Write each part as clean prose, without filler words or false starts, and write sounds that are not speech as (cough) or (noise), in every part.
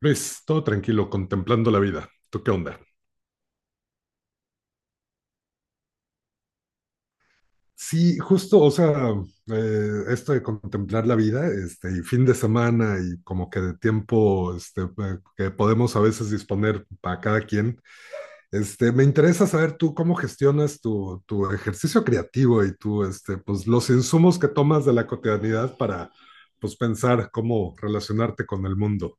Luis, todo tranquilo, contemplando la vida. ¿Tú qué onda? Sí, justo, o sea, esto de contemplar la vida, y fin de semana y como que de tiempo que podemos a veces disponer para cada quien, me interesa saber tú cómo gestionas tu ejercicio creativo y tú, pues, los insumos que tomas de la cotidianidad para, pues, pensar cómo relacionarte con el mundo.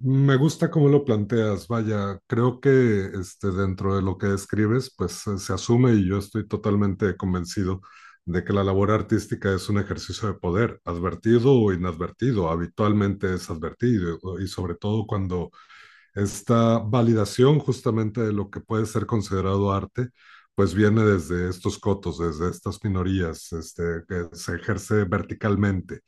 Me gusta cómo lo planteas, vaya, creo que dentro de lo que describes, pues se asume y yo estoy totalmente convencido de que la labor artística es un ejercicio de poder, advertido o inadvertido, habitualmente es advertido y sobre todo cuando esta validación justamente de lo que puede ser considerado arte, pues viene desde estos cotos, desde estas minorías, que se ejerce verticalmente.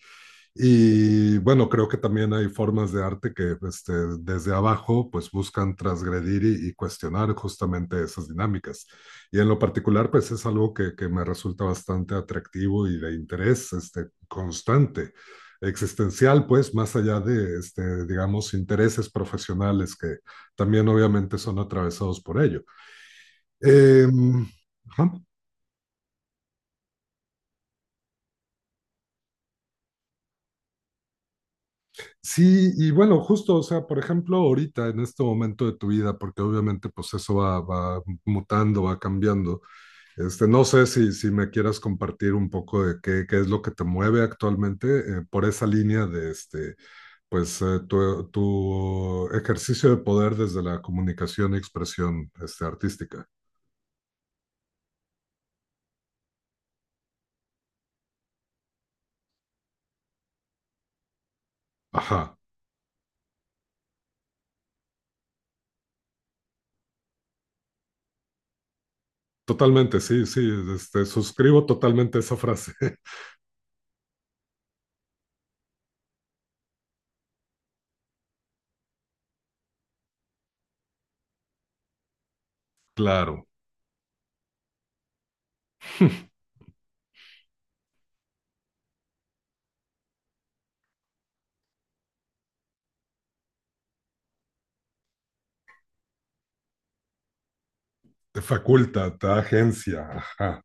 Y bueno, creo que también hay formas de arte que desde abajo pues buscan transgredir y cuestionar justamente esas dinámicas. Y en lo particular pues es algo que me resulta bastante atractivo y de interés constante, existencial pues, más allá de, este, digamos, intereses profesionales que también obviamente son atravesados por ello. Em, ajá. Sí, y bueno, justo, o sea, por ejemplo, ahorita, en este momento de tu vida, porque obviamente pues va mutando, va cambiando, no sé si, si me quieras compartir un poco de qué, qué es lo que te mueve actualmente por esa línea de, pues, tu, tu ejercicio de poder desde la comunicación y expresión, artística. Ajá, totalmente, sí, sí, suscribo totalmente esa frase, (laughs) claro, te faculta, te da agencia, ajá.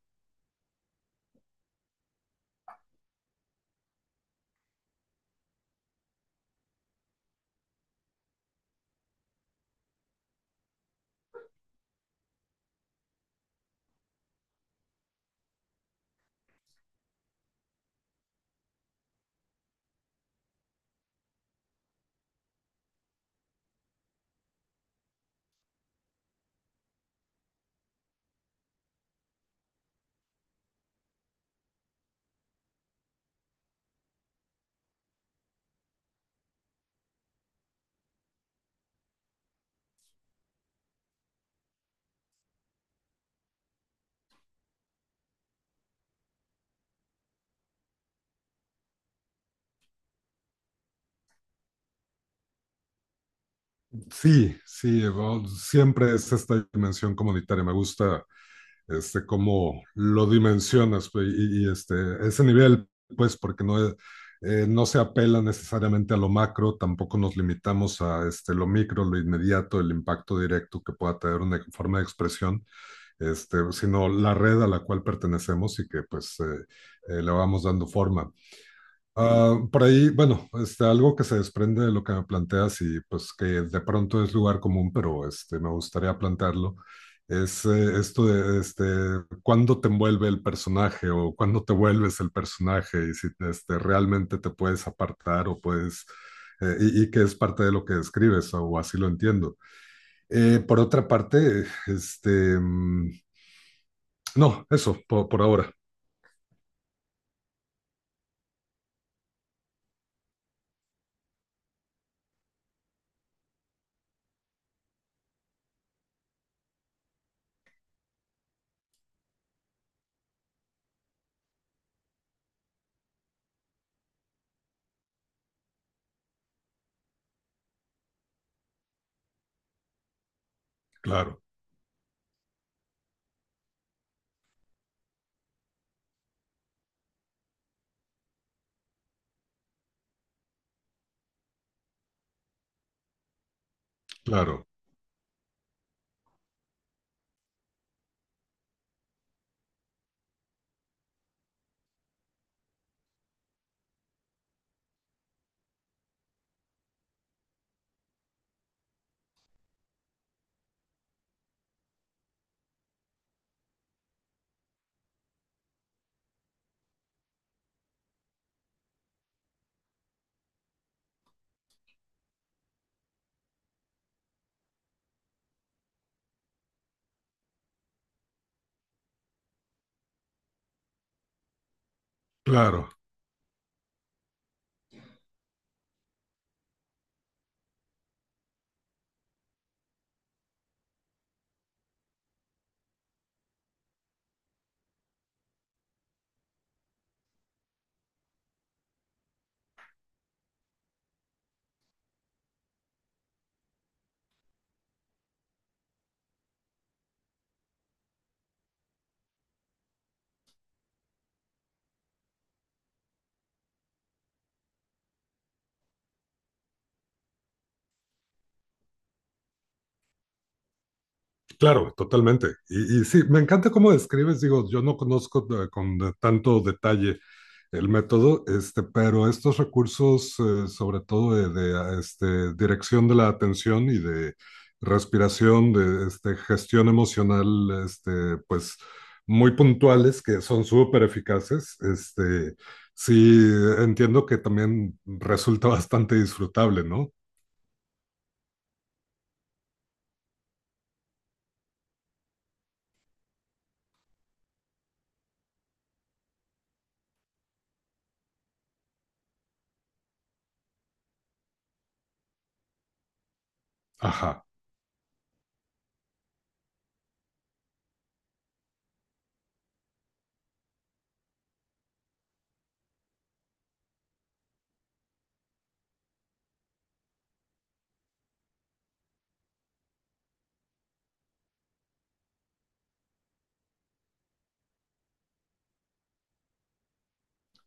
Sí, sí, bueno, siempre es esta dimensión comunitaria. Me gusta cómo lo dimensionas pues, y, ese nivel, pues, porque no es- no se apela necesariamente a lo macro, tampoco nos limitamos a lo micro, lo inmediato, el impacto directo que pueda tener una forma de expresión, sino la red a la cual pertenecemos y que pues le vamos dando forma. Ah, por ahí, bueno, algo que se desprende de lo que me planteas y pues que de pronto es lugar común, pero me gustaría plantearlo, es esto de cuándo te envuelve el personaje o cuándo te vuelves el personaje y si realmente te puedes apartar o puedes, y que es parte de lo que describes o así lo entiendo. Por otra parte, mm, no, eso, por ahora, claro, claro, claro. Claro, totalmente. Y sí, me encanta cómo describes, digo, yo no conozco con de- tanto detalle el método, pero estos recursos, sobre todo de, dirección de la atención y de respiración, de gestión emocional, este, pues muy puntuales, que son súper eficaces, sí, entiendo que también resulta (laughs) bastante disfrutable, ¿no? Ajá,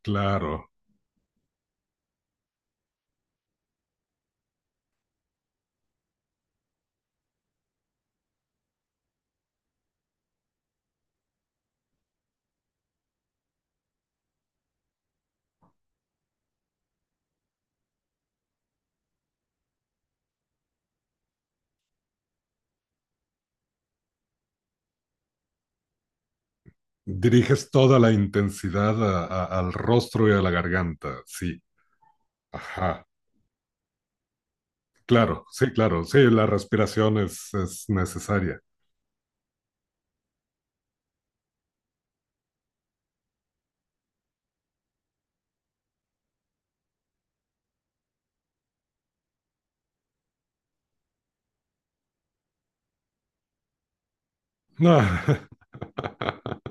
claro. Diriges toda la intensidad a- al rostro y a la garganta. Sí, ajá. Claro, sí, claro. Sí, la respiración es necesaria. Ah, (laughs)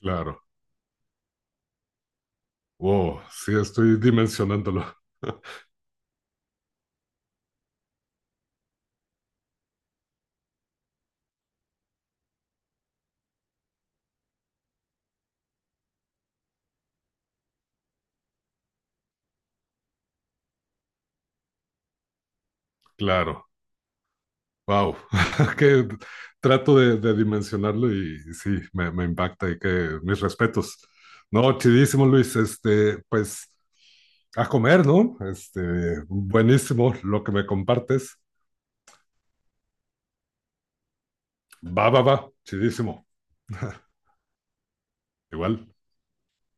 claro. Wow, sí, estoy dimensionándolo. Claro. Wow. (laughs) Que trato de dimensionarlo y sí, me impacta y que mis respetos. No, chidísimo, Luis. Pues a comer, ¿no? Buenísimo lo que me compartes. Va, va, va. Chidísimo. Igual.